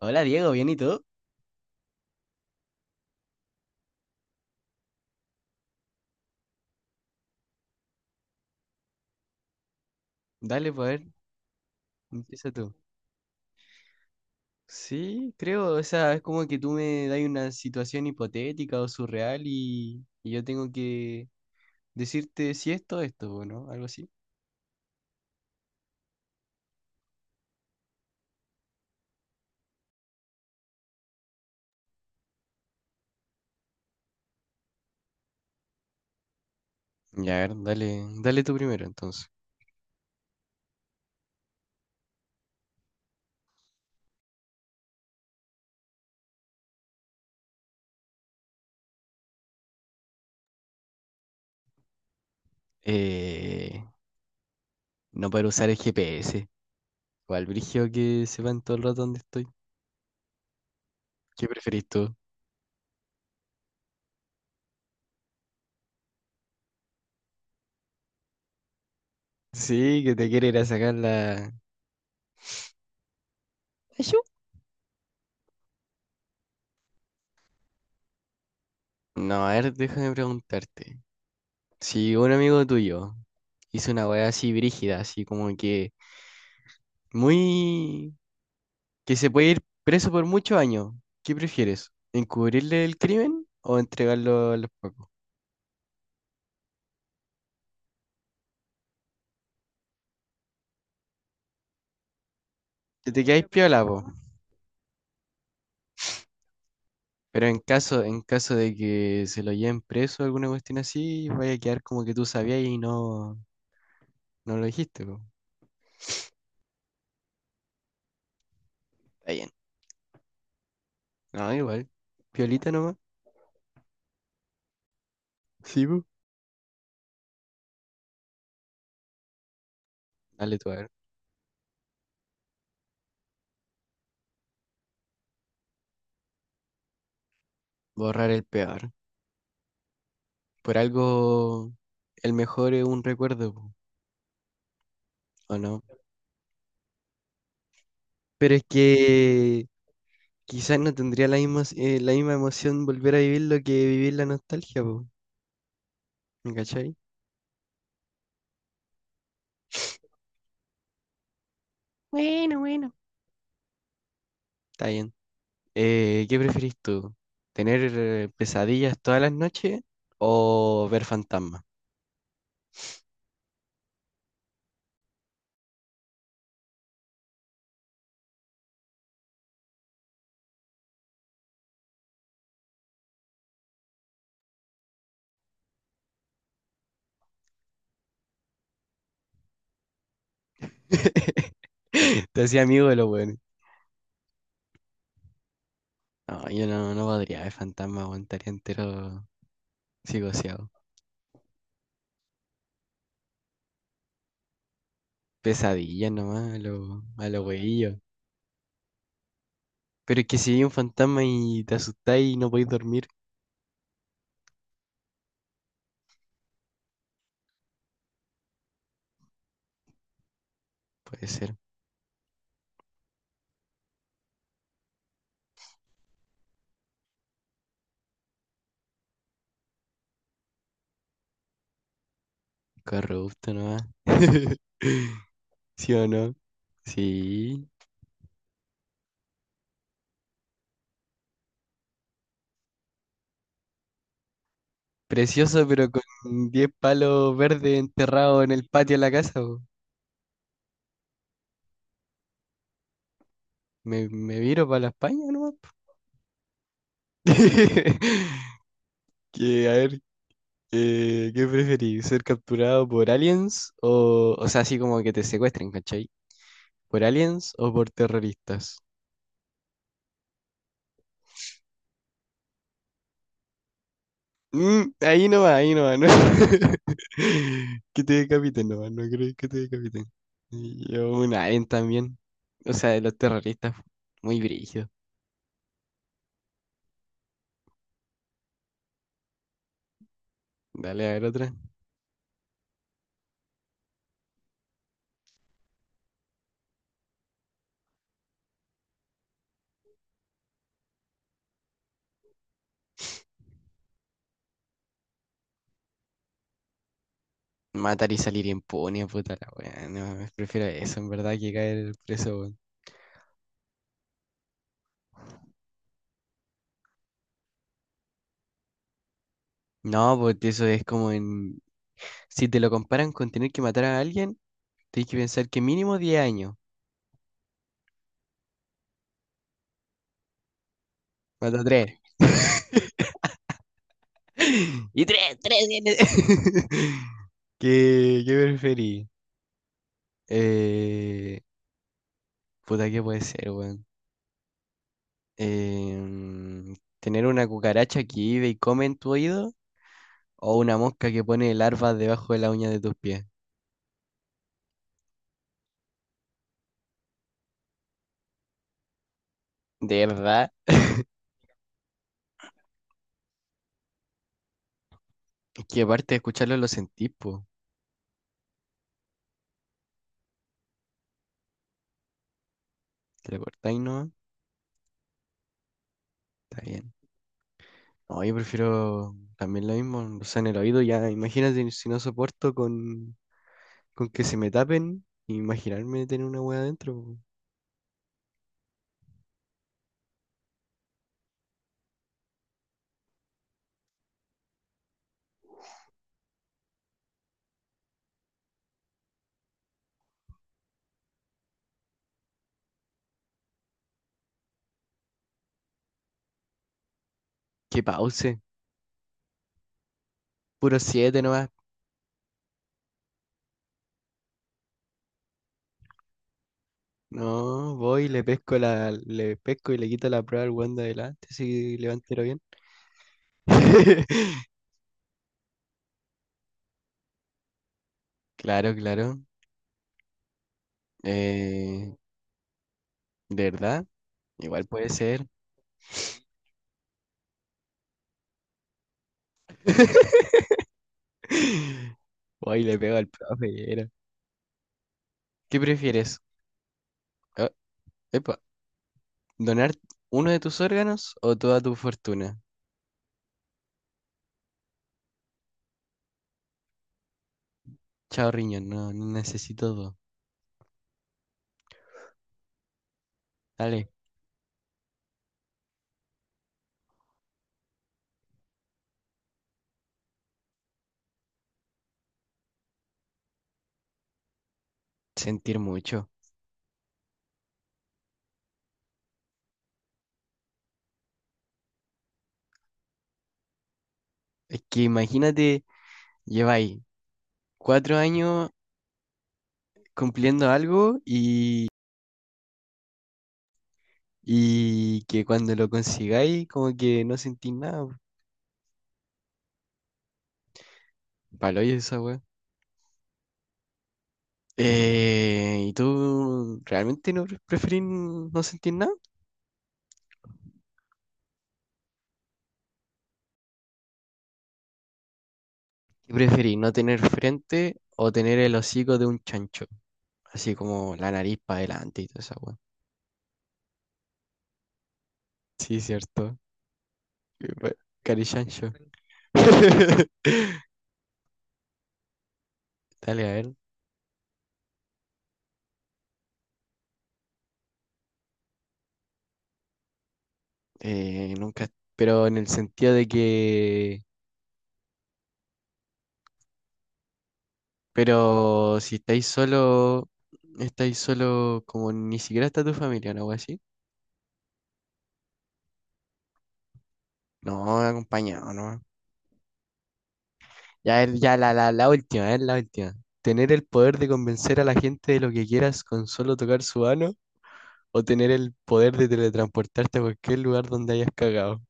Hola Diego, ¿bien y tú? Dale, pues a ver, empieza tú. Sí, creo, o sea, es como que tú me das una situación hipotética o surreal y yo tengo que decirte si esto o esto, ¿o no? Algo así. Ya, a ver, dale, dale tú primero entonces. Eh, no poder usar el GPS. O al brigio que sepan todo el rato dónde estoy. ¿Qué preferís tú? Sí, que te quiere ir a sacar la. Ayú. No, a ver, déjame preguntarte. Si un amigo tuyo hizo una weá así brígida, así como que muy, que se puede ir preso por muchos años, ¿qué prefieres? ¿Encubrirle el crimen o entregarlo a los pacos? Te quedáis piola, po. Pero en caso de que se lo lleven preso alguna cuestión así, vaya a quedar como que tú sabías y no, no lo dijiste, po. Está bien. No, igual. Piolita nomás. Sí, po. Dale tú a ver. Borrar el peor. Por algo, el mejor es un recuerdo, po. ¿O no? Pero es que quizás no tendría la misma emoción volver a vivirlo que vivir la nostalgia, po, ¿me cachai? Bueno, bueno. Está bien. ¿Qué preferís tú? ¿Tener pesadillas todas las noches o ver fantasmas? Te hacía amigo de los buenos. No, yo no, no podría ver fantasmas, aguantaría entero psicoseado. Pesadillas nomás, a lo hueillo. Pero es que si vi un fantasma y te asustáis y no podéis dormir, puede ser. Corrupto nomás. ¿Sí o no? Sí. Precioso, pero con 10 palos verdes enterrados en el patio de la casa, po. Me viro para la España nomás, po. Que, a ver, ¿qué preferís? ¿Ser capturado por aliens o sea, así como que te secuestren, ¿cachai? ¿Por aliens o por terroristas? Ahí no va, ahí no va, ¿no? Que te decapiten, no, no creo que te decapiten. Y yo un alien también. O sea, de los terroristas, muy brígido. Dale a ver otra. Matar y salir impune, puta la wea. No, prefiero eso, en verdad, que caer preso, weón. No, porque eso es como en. Si te lo comparan con tener que matar a alguien, tienes que pensar que mínimo 10 años. Mata tres. Y 3 tres. ¿Qué preferís? Eh, Puta, ¿qué puede ser, weón? ¿Tener una cucaracha que vive y come en tu oído? ¿O una mosca que pone larvas debajo de la uña de tus pies? De verdad, es que aparte de escucharlo lo sentís, po. Te lo cortáis, ¿no? Está bien. No, yo prefiero también lo mismo, o sea, en el oído ya, imagínate si no soporto con que se me tapen, imaginarme tener una wea adentro, po. Que pause, puro siete nomás. No, voy, le pesco y le quito la prueba al weón de adelante si levantero bien. Claro, claro. Eh, de verdad, igual puede ser. Uy, le pego al profe. Era. ¿Qué prefieres? Ah, epa, ¿donar uno de tus órganos o toda tu fortuna? Chao, riñón, no, no necesito dos. Dale, sentir mucho. Es que imagínate, lleváis 4 años cumpliendo algo y que cuando lo consigáis, como que no sentís nada. Palo, ¿y esa weá? ¿Y tú realmente no preferís no sentir nada? ¿Qué preferís, no tener frente o tener el hocico de un chancho? Así como la nariz para adelante y toda esa weá. Sí, cierto. Eh, pa- Carichancho. Dale, a ver. Nunca. Pero en el sentido de que. Pero si estáis solo. Estáis solo como ni siquiera está tu familia, ¿no? Algo así. No, acompañado, ¿no? Ya, ya la última, es la última. ¿Tener el poder de convencer a la gente de lo que quieras con solo tocar su mano? ¿O tener el poder de teletransportarte a cualquier lugar donde hayas cagado?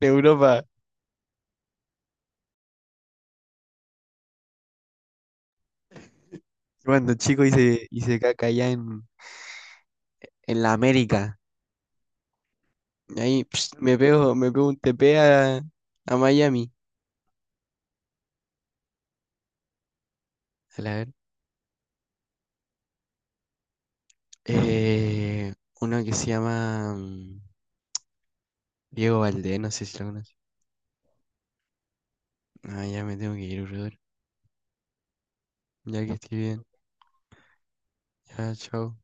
En Europa, cuando chico hice caca allá en la América. Y ahí pss, me pego un TP a Miami. A la ver. Eh, Uno que se llama Diego Valdés, no sé si lo conoces. Ah, ya me tengo que ir, brother. Ya que estoy bien. Ya, chao.